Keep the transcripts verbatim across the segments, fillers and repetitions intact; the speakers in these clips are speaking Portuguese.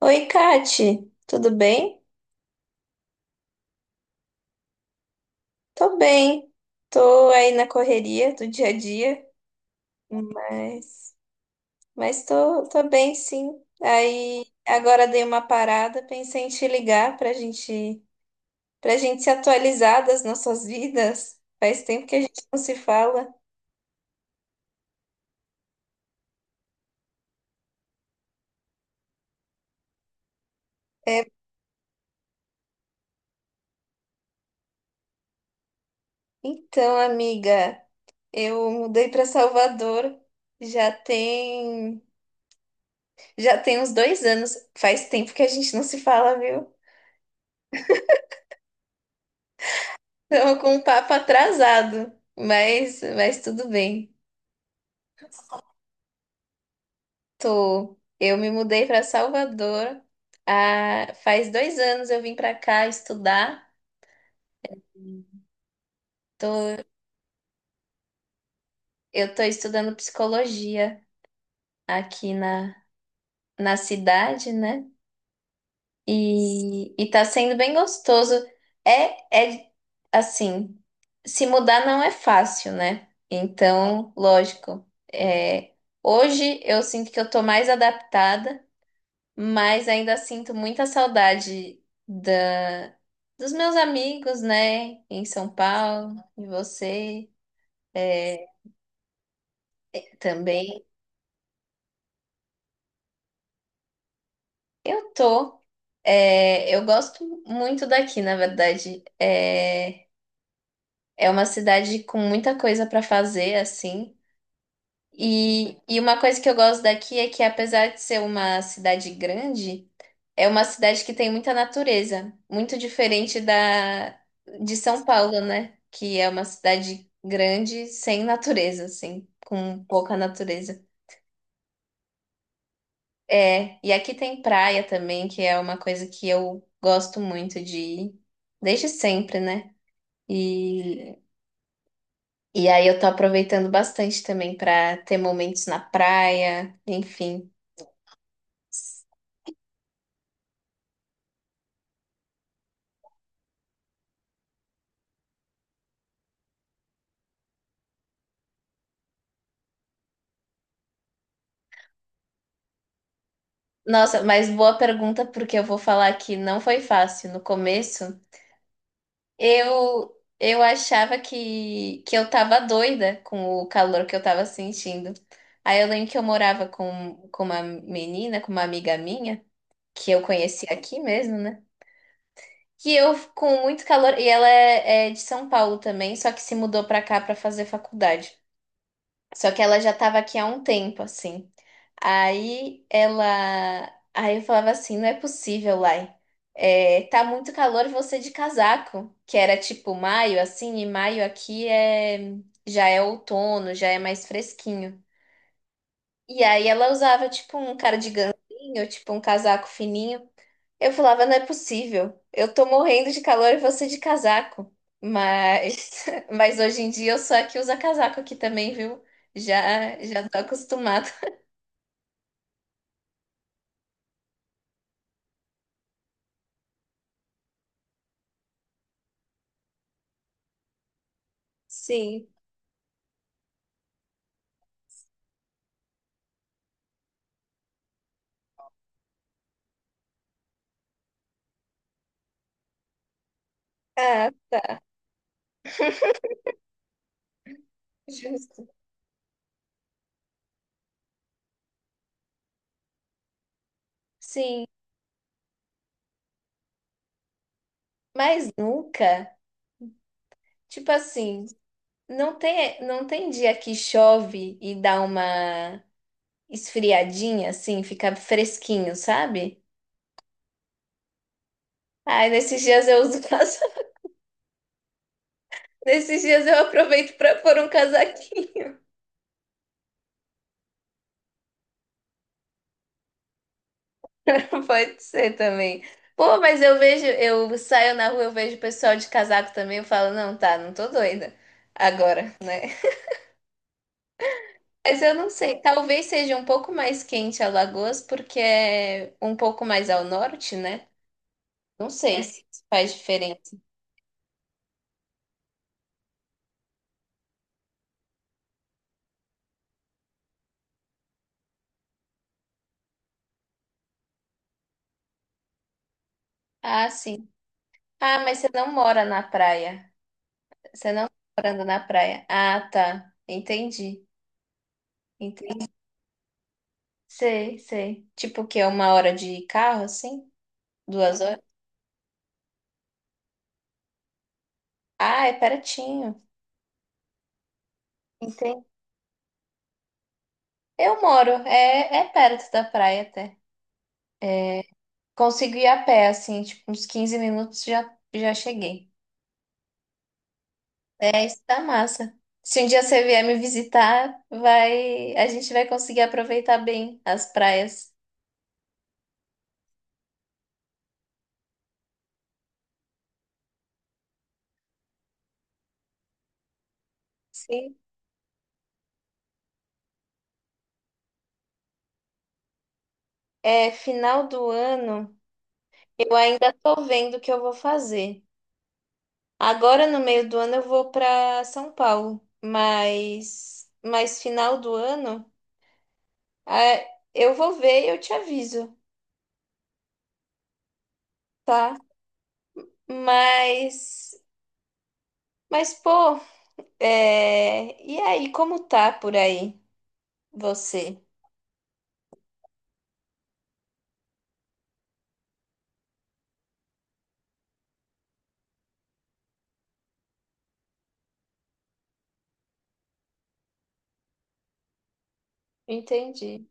Oi, Kati, tudo bem? Tô bem. Tô aí na correria do dia a dia, mas, mas tô, tô bem, sim. Aí agora dei uma parada, pensei em te ligar pra gente, pra gente se atualizar das nossas vidas. Faz tempo que a gente não se fala. É, então, amiga, eu mudei pra Salvador. Já tem, já tem uns dois anos. Faz tempo que a gente não se fala, viu? Estamos com um papo atrasado, mas, mas tudo bem. Tô. Eu me mudei para Salvador. Ah, faz dois anos eu vim para cá estudar. Tô, eu tô estudando psicologia aqui na, na cidade, né? E, e tá sendo bem gostoso. É, é assim, se mudar não é fácil, né? Então, lógico, é, hoje eu sinto que eu tô mais adaptada. Mas ainda sinto muita saudade da, dos meus amigos, né? Em São Paulo, e você é, também. Eu tô. é, eu gosto muito daqui, na verdade. É, é uma cidade com muita coisa para fazer, assim. E, e uma coisa que eu gosto daqui é que, apesar de ser uma cidade grande, é uma cidade que tem muita natureza, muito diferente da de São Paulo, né? Que é uma cidade grande sem natureza, assim, com pouca natureza. É, e aqui tem praia também, que é uma coisa que eu gosto muito de ir, desde sempre, né? E, e aí eu tô aproveitando bastante também para ter momentos na praia, enfim. Nossa, mas boa pergunta, porque eu vou falar que não foi fácil no começo. Eu, eu achava que, que eu tava doida com o calor que eu tava sentindo. Aí eu lembro que eu morava com, com uma menina, com uma amiga minha, que eu conheci aqui mesmo, né? Que eu, com muito calor, e ela é, é de São Paulo também, só que se mudou pra cá pra fazer faculdade. Só que ela já estava aqui há um tempo, assim. Aí ela. Aí eu falava assim: não é possível, Lai. É, tá muito calor você de casaco, que era tipo maio, assim, e maio aqui é já é outono, já é mais fresquinho. E aí ela usava tipo um cardiganzinho, tipo um casaco fininho. Eu falava, não é possível. Eu tô morrendo de calor e você de casaco. Mas, mas hoje em dia eu sou a que usa casaco aqui também, viu? Já, já tô acostumada. Sim. Ah, justo. Sim, mas nunca, tipo assim, não tem, não tem dia que chove e dá uma esfriadinha assim, fica fresquinho, sabe? Ai, nesses dias eu uso, casa- nesses dias eu aproveito pra pôr um casaquinho. Pode ser também. Pô, mas eu vejo, eu saio na rua, eu vejo o pessoal de casaco também, eu falo, não, tá, não tô doida agora. Mas eu não sei, talvez seja um pouco mais quente Alagoas, porque é um pouco mais ao norte, né? Não sei se isso faz diferença. Ah, sim. Ah, mas você não mora na praia. Você não tá morando na praia. Ah, tá. Entendi. Entendi. Sei, sei. Tipo que é uma hora de carro, assim? Duas horas? Ah, é pertinho. Entendi. Eu moro, é, é perto da praia até. Consigo ir a pé, assim, tipo, uns quinze minutos já, já cheguei. É, isso tá massa. Se um dia você vier me visitar, vai, a gente vai conseguir aproveitar bem as praias. Sim. É, final do ano, eu ainda tô vendo o que eu vou fazer. Agora, no meio do ano, eu vou para São Paulo, mas, mas final do ano, é, eu vou ver e eu te aviso, tá? Mas Mas, pô, é, e aí, como tá por aí você? Entendi.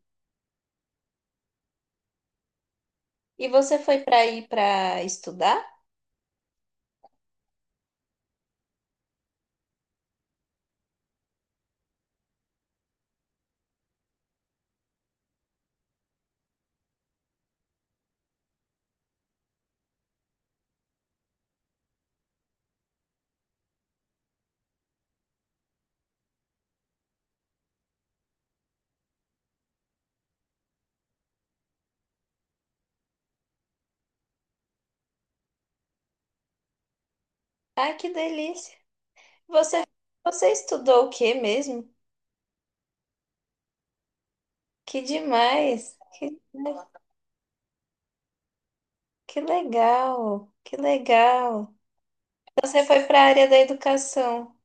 E você foi pra ir pra estudar? Ai, que delícia. Você, você estudou o quê mesmo? Que demais, né? Que legal, que legal. Então, você foi pra área da educação.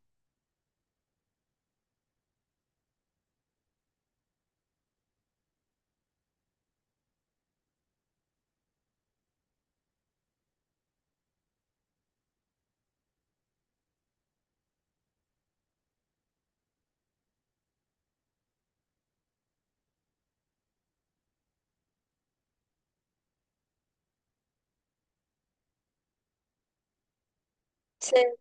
Você-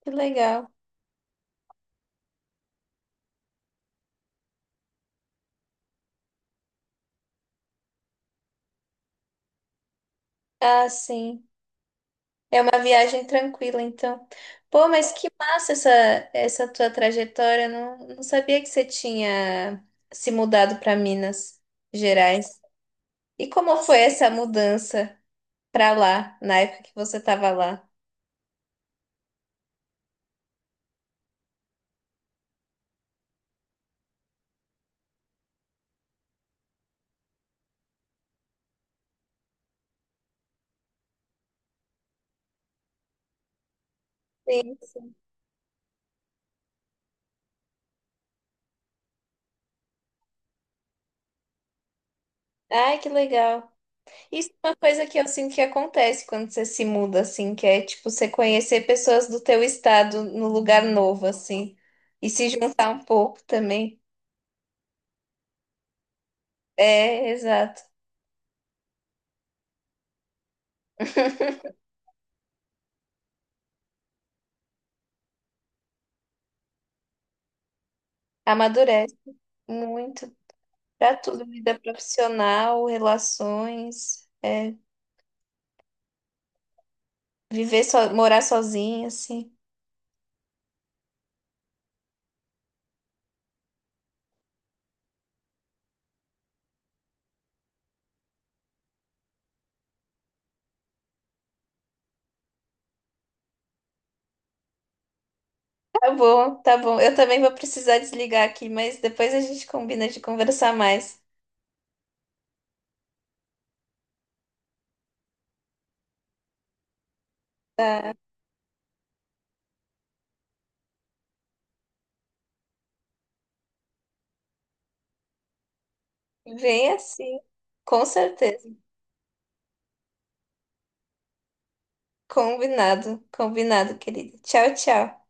Que legal. Ah, sim. Uma viagem tranquila, então. Pô, mas que massa essa, essa, tua trajetória. Não, não sabia que você tinha se mudado para Minas Gerais. E como foi essa mudança para lá, na época que você estava lá? Sim, sim. Ai, que legal. Isso é uma coisa que eu sinto que acontece quando você se muda, assim, que é tipo você conhecer pessoas do teu estado no lugar novo, assim, e se juntar um pouco também. É, exato. Amadurece muito. Para tudo, vida profissional, relações, é, viver so- morar sozinha, assim. Tá bom, tá bom. Eu também vou precisar desligar aqui, mas depois a gente combina de conversar mais. Vem assim, com certeza. Combinado, combinado, querida. Tchau, tchau.